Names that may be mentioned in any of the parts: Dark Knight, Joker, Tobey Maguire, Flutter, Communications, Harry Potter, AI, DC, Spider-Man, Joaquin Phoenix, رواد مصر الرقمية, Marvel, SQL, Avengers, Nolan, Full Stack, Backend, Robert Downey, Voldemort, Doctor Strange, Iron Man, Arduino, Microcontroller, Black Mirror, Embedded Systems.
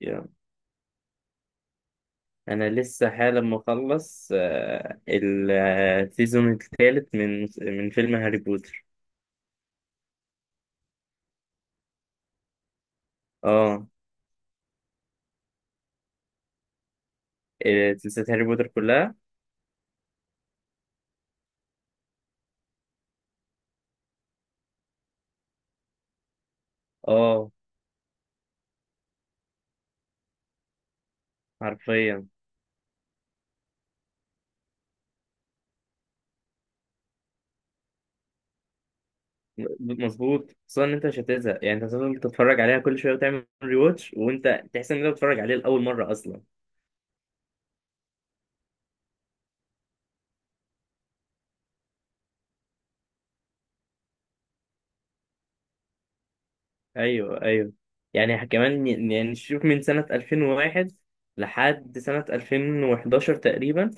يلا. انا لسه حالا مخلص السيزون الثالث من فيلم هاري بوتر. اه. سلسلة هاري بوتر كلها. اه، حرفيا. مظبوط، خصوصا ان انت مش هتزهق، يعني انت هتفضل تتفرج عليها كل شويه وتعمل ري واتش وانت تحس ان انت بتتفرج عليه لاول مره اصلا. ايوه ايوه. يعني كمان يعني شوف من سنه 2001 لحد سنه 2011 تقريبا،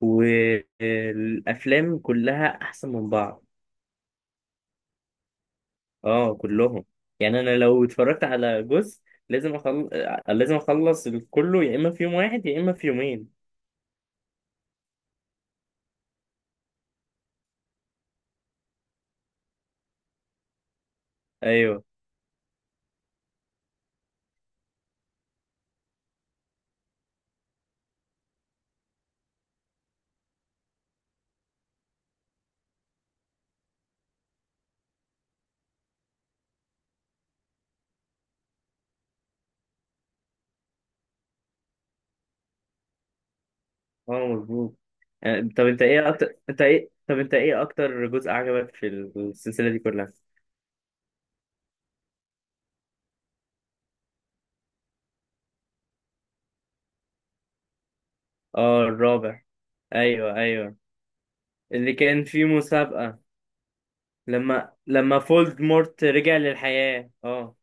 والافلام كلها احسن من بعض. اه كلهم. يعني انا لو اتفرجت على جزء لازم اخلص، لازم اخلص كله، يا اما في يوم واحد يا اما في يومين. ايوه. اه مظبوط. طب انت ايه اكتر جزء عجبك في السلسله دي كلها؟ اه الرابع. ايوه ايوه. اللي كان فيه مسابقه. لما فولدمورت رجع للحياه. اه.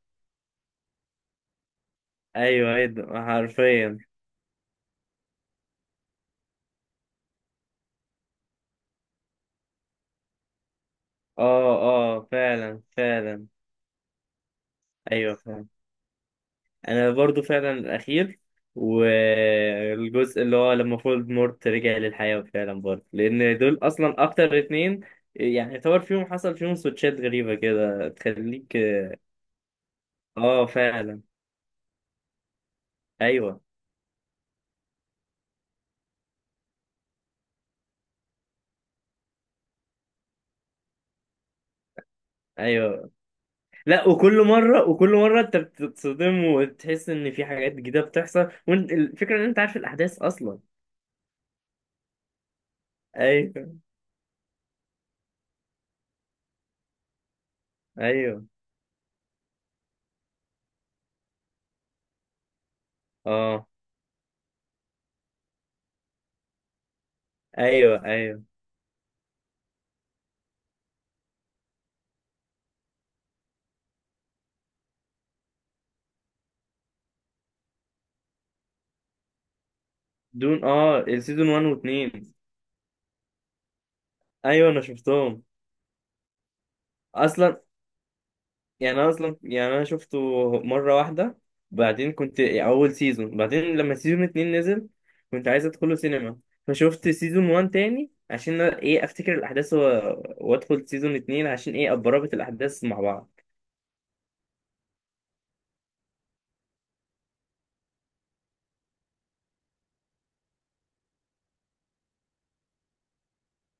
ايوه ايوه حرفيا. اه اه فعلا فعلا. ايوه فعلا، انا برضو فعلا الاخير. والجزء اللي هو لما فولد مورت رجع للحياة فعلا برضو، لان دول اصلا اكتر اتنين يعني يعتبر فيهم، حصل فيهم سويتشات غريبة كده تخليك. اه فعلا. ايوه ايوه. لا، وكل مرة وكل مرة انت بتتصدم وتحس ان في حاجات جديدة بتحصل، والفكرة ان انت عارف الاحداث اصلا. ايوه ايوه. اه. ايوه ايوه، دون. اه السيزون 1 و2. ايوه انا شفتهم اصلا. يعني انا اصلا يعني انا شفته مره واحده، بعدين كنت اول سيزون، بعدين لما سيزون اتنين نزل كنت عايز ادخله سينما، فشفت سيزون وان تاني عشان ايه افتكر الاحداث وادخل سيزون اتنين عشان ايه اتربط الاحداث مع بعض.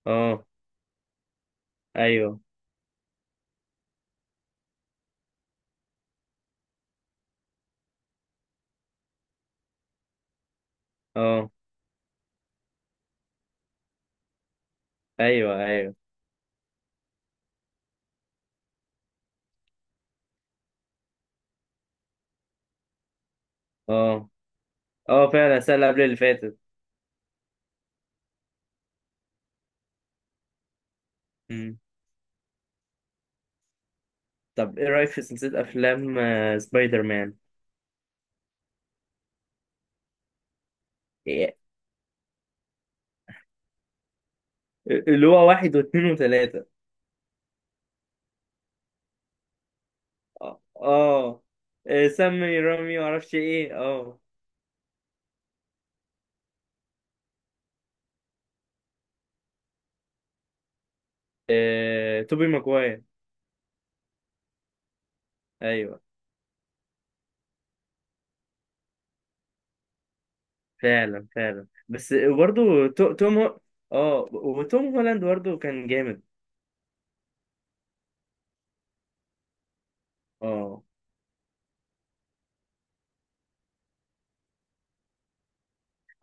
اه ايوه. اه ايوه ايوه. اه اه فعلا السنه اللي قبل اللي فاتت. مم. طب ايه رايك في سلسله افلام سبايدر مان؟ إيه- اللي هو واحد واثنين وثلاثه. اه. آه. سمي رامي، معرفش ايه. اه. توبي ماجواير. ايوه فعلا فعلا بس برضه. تو... توم هو... اه، وتوم هولاند برضه كان جامد. اه.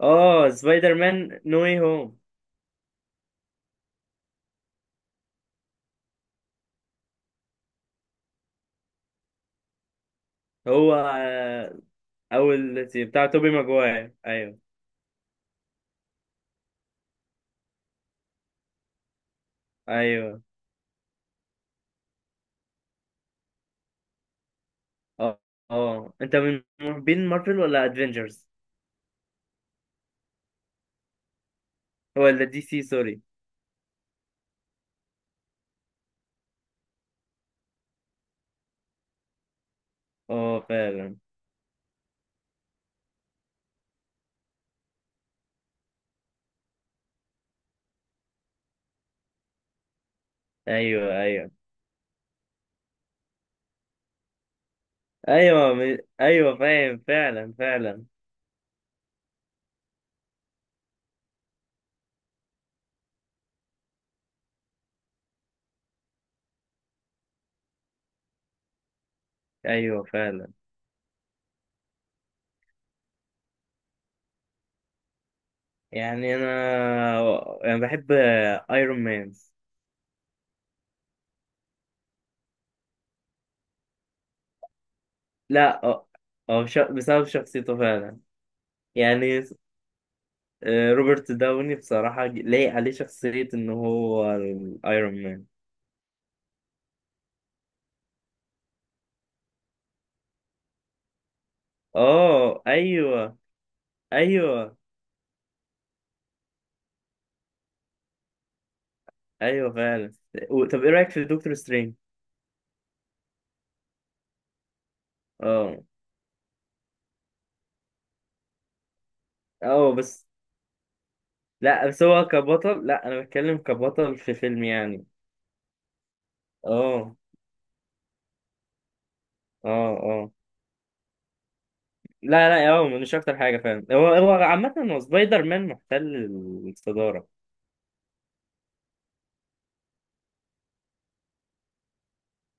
اه سبايدر مان نو واي هوم. هو اول بتاع توبي ماجواير. ايوه ايوه. اه اه. انت من محبين مارفل ولا ادفنجرز ولا دي سي؟ سوري. اه فعلا. ايوه ايوه. ايوه ايوه فاهم فعلا فعلا. ايوه فعلا. يعني انا بحب ايرون مان. لا بسبب شخصيته فعلا. يعني روبرت داوني بصراحة لايق عليه شخصية ان هو ايرون مان. اه ايوه ايوه ايوه فعلا. طب ايه رأيك في دكتور سترينج؟ اه اه بس. لا بس هو كبطل، لا انا بتكلم كبطل في فيلم يعني. اه اه اه. لا لا، هو مش اكتر حاجه فاهم، هو هو عامه هو سبايدر مان محتل الصداره.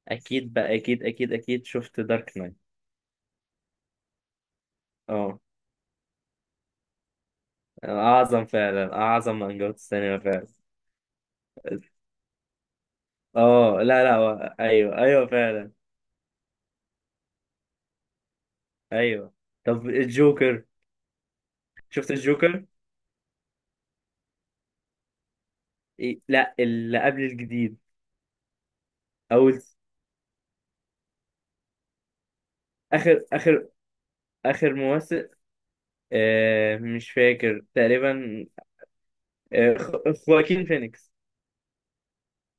اكيد بقى، اكيد اكيد اكيد. شفت دارك نايت؟ اه، اعظم فعلا، اعظم من جوة السينما فعلا. اه لا لا، هو ايوه ايوه فعلا ايوه. طب الجوكر، شفت الجوكر؟ إيه؟ لا اللي قبل الجديد. اول اخر، اخر اخر ممثل. آه مش فاكر تقريبا. خواكين فينيكس.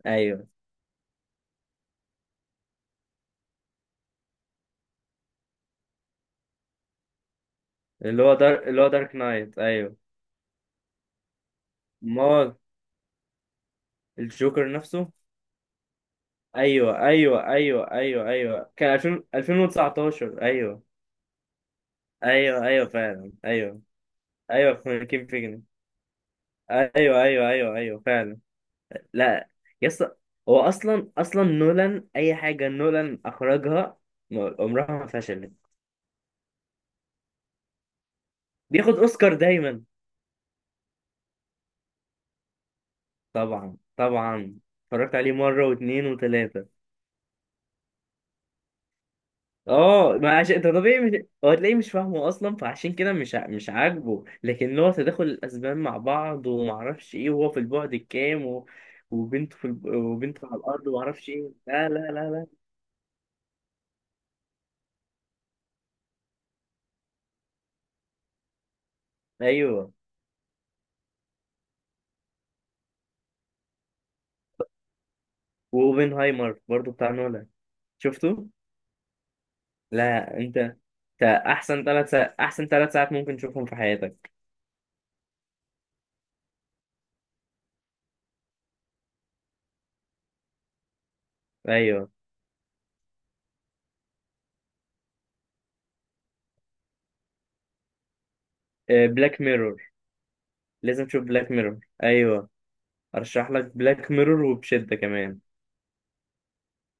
ايوه. اللي هو اللي هو دارك نايت. ايوه. امال، الجوكر نفسه. ايوه ايوه ايوه ايوه ايوه، كان 2000 2019. ايوه ايوه ايوه فعلا. ايوه ايوه كيم فيجن. ايوه ايوه ايوه ايوه فعلا. لا. يس. هو اصلا نولان، اي حاجه نولان اخرجها عمرها ما فشلت. بياخد اوسكار دايما. طبعا طبعا. اتفرجت عليه مره واثنين وثلاثه. اه، ما عشان ده طبيعي. مش... هو تلاقيه مش فاهمه اصلا، فعشان كده مش عاجبه، لكن هو تداخل الاسبان مع بعض وما اعرفش ايه، وهو في البعد الكام وبنته في وبنته على الارض وما اعرفش ايه. لا لا لا لا. ايوه. واوبنهايمر برضو بتاع نولان. شفته. لا انت، انت احسن احسن 3 ساعات ممكن تشوفهم في حياتك. ايوه. بلاك ميرور، لازم تشوف بلاك ميرور. ايوه ارشح لك بلاك ميرور وبشدة كمان.